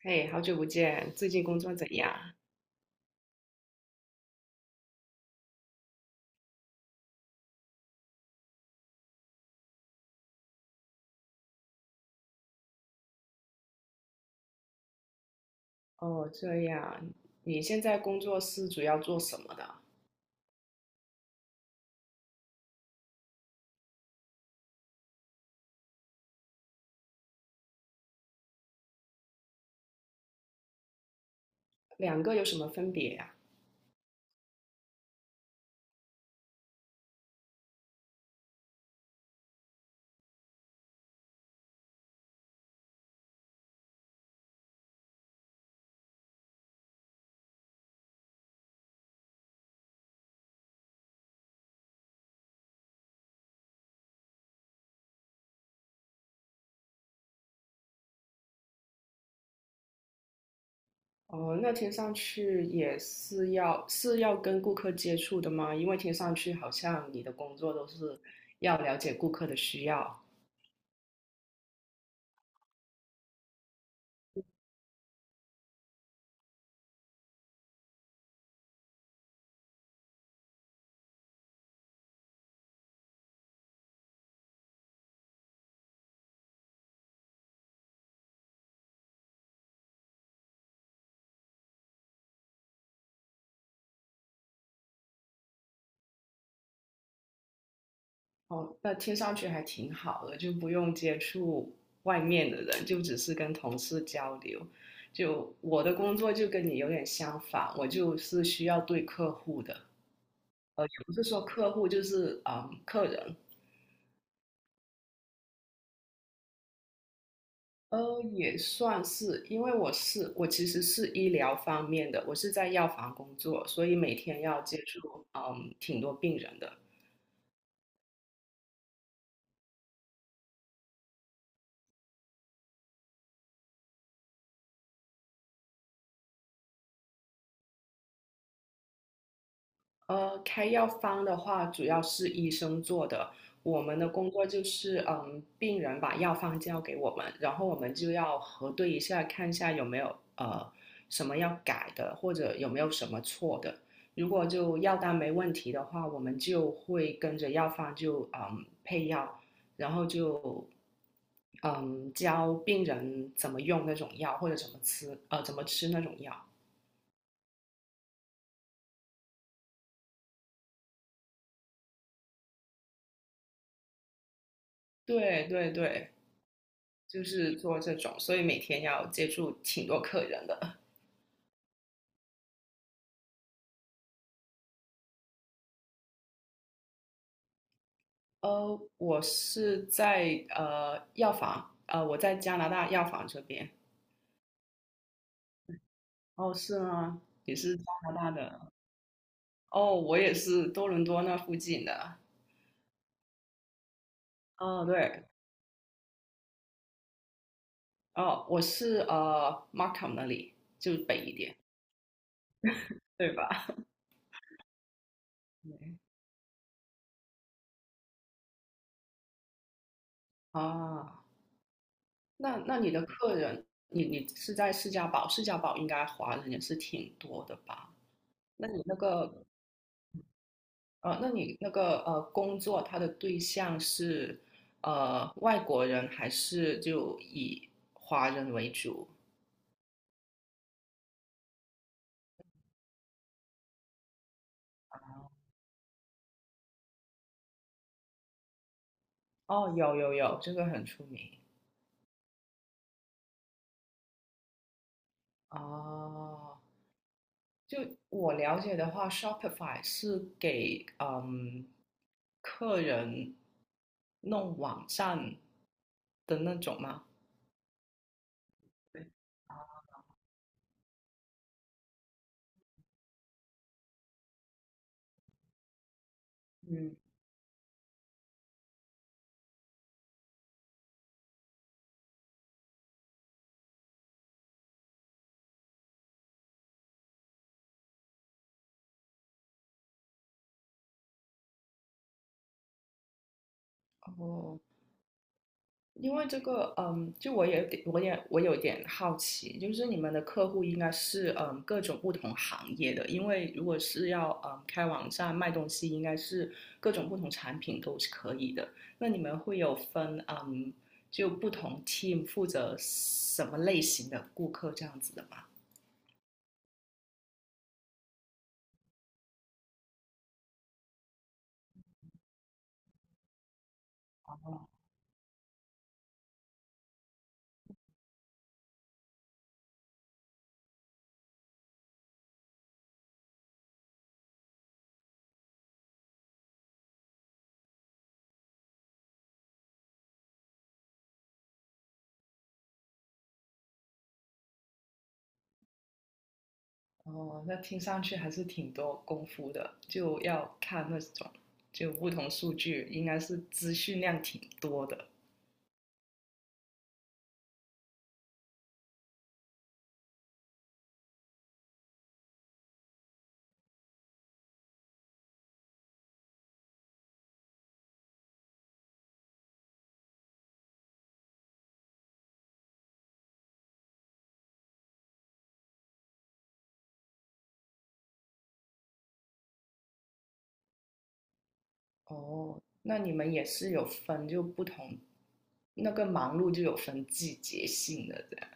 嘿，好久不见，最近工作怎样？哦，这样，你现在工作是主要做什么的？两个有什么分别呀？哦，那听上去也是要跟顾客接触的吗？因为听上去好像你的工作都是要了解顾客的需要。哦，那听上去还挺好的，就不用接触外面的人，就只是跟同事交流。就我的工作就跟你有点相反，我就是需要对客户的。也不是说客户，就是客人。也算是，因为我其实是医疗方面的，我是在药房工作，所以每天要接触挺多病人的。开药方的话，主要是医生做的。我们的工作就是，病人把药方交给我们，然后我们就要核对一下，看一下有没有什么要改的，或者有没有什么错的。如果就药单没问题的话，我们就会跟着药方就配药，然后就教病人怎么用那种药，或者怎么吃那种药。对对对。就是做这种，所以每天要接触挺多客人的。我是在药房，我在加拿大药房这边。哦，是吗？也是加拿大的？哦，我也是多伦多那附近的。哦，对，哦，我是Markham 那里，就北一点，对吧？对啊，那你的客人，你是在士嘉堡，士嘉堡应该华人也是挺多的吧？那你那个那你那个工作，他的对象是外国人还是就以华人为主？哦，有有有，这个很出名。哦，就我了解的话，Shopify 是给客人弄网站的那种吗？对，嗯，哦，因为这个，就我有点，我也有点好奇，就是你们的客户应该是各种不同行业的，因为如果是要开网站卖东西，应该是各种不同产品都是可以的。那你们会有分就不同 team 负责什么类型的顾客这样子的吗？哦，那听上去还是挺多功夫的，就要看那种就不同数据，应该是资讯量挺多的。哦，那你们也是有分就不同，那个忙碌就有分季节性的这样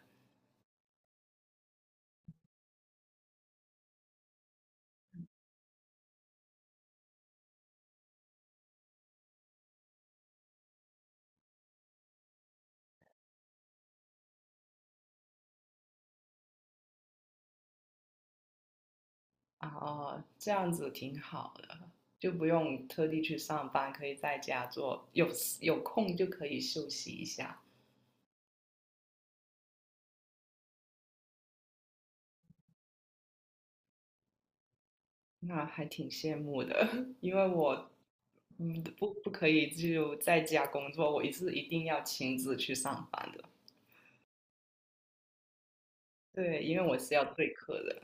啊。哦，这样子挺好的，就不用特地去上班，可以在家做，有空就可以休息一下。那还挺羡慕的，因为我不可以就在家工作，我是一定要亲自去上班的。对，因为我是要对课的。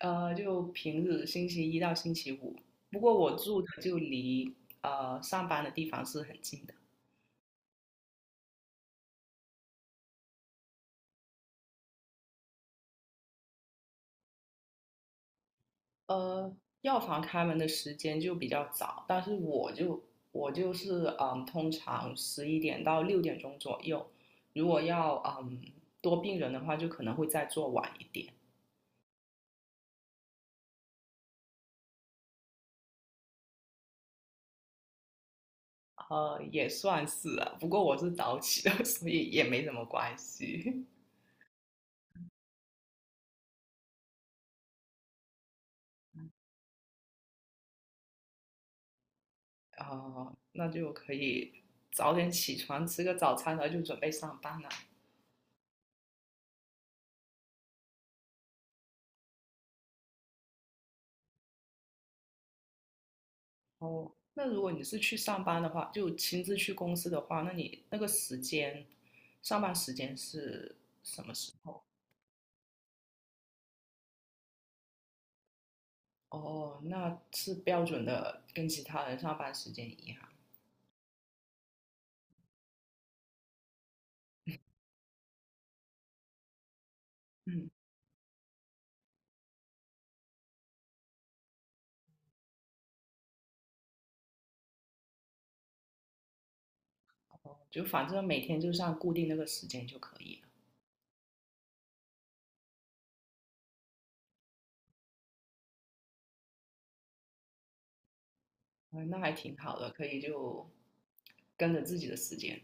就平日星期一到星期五。不过我住的就离上班的地方是很近的。呃，药房开门的时间就比较早，但是我就是通常11点到6点钟左右。如果要多病人的话，就可能会再做晚一点。也算是啊，不过我是早起的，所以也没什么关系。那就可以早点起床，吃个早餐，然后就准备上班了。哦，那如果你是去上班的话，就亲自去公司的话，那你那个时间，上班时间是什么时候？哦，那是标准的，跟其他人上班时间一样。嗯，哦，就反正每天就是按固定那个时间就可以了。哎，那还挺好的，可以就跟着自己的时间。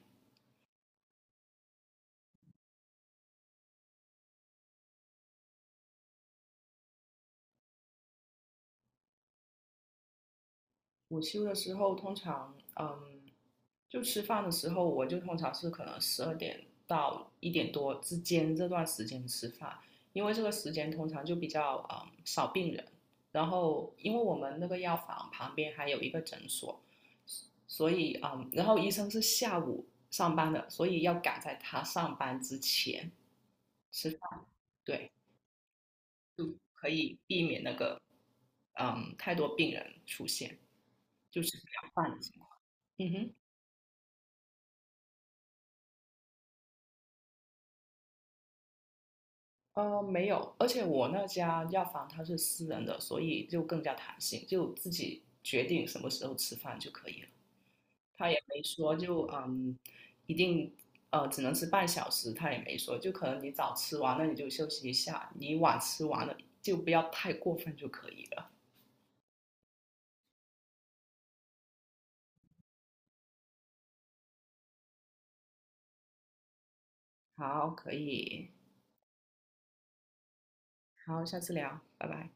午休的时候，通常，就吃饭的时候，我就通常是可能12点到1点多之间这段时间吃饭，因为这个时间通常就比较少病人，然后因为我们那个药房旁边还有一个诊所，所以然后医生是下午上班的，所以要赶在他上班之前吃饭。对，嗯，太多病人出现，就吃不了饭的情况。嗯哼。没有，而且我那家药房它是私人的，所以就更加弹性，就自己决定什么时候吃饭就可以了。他也没说就一定只能吃半小时，他也没说，就可能你早吃完那你就休息一下，你晚吃完了就不要太过分就可以了。好，可以，好，下次聊，拜拜。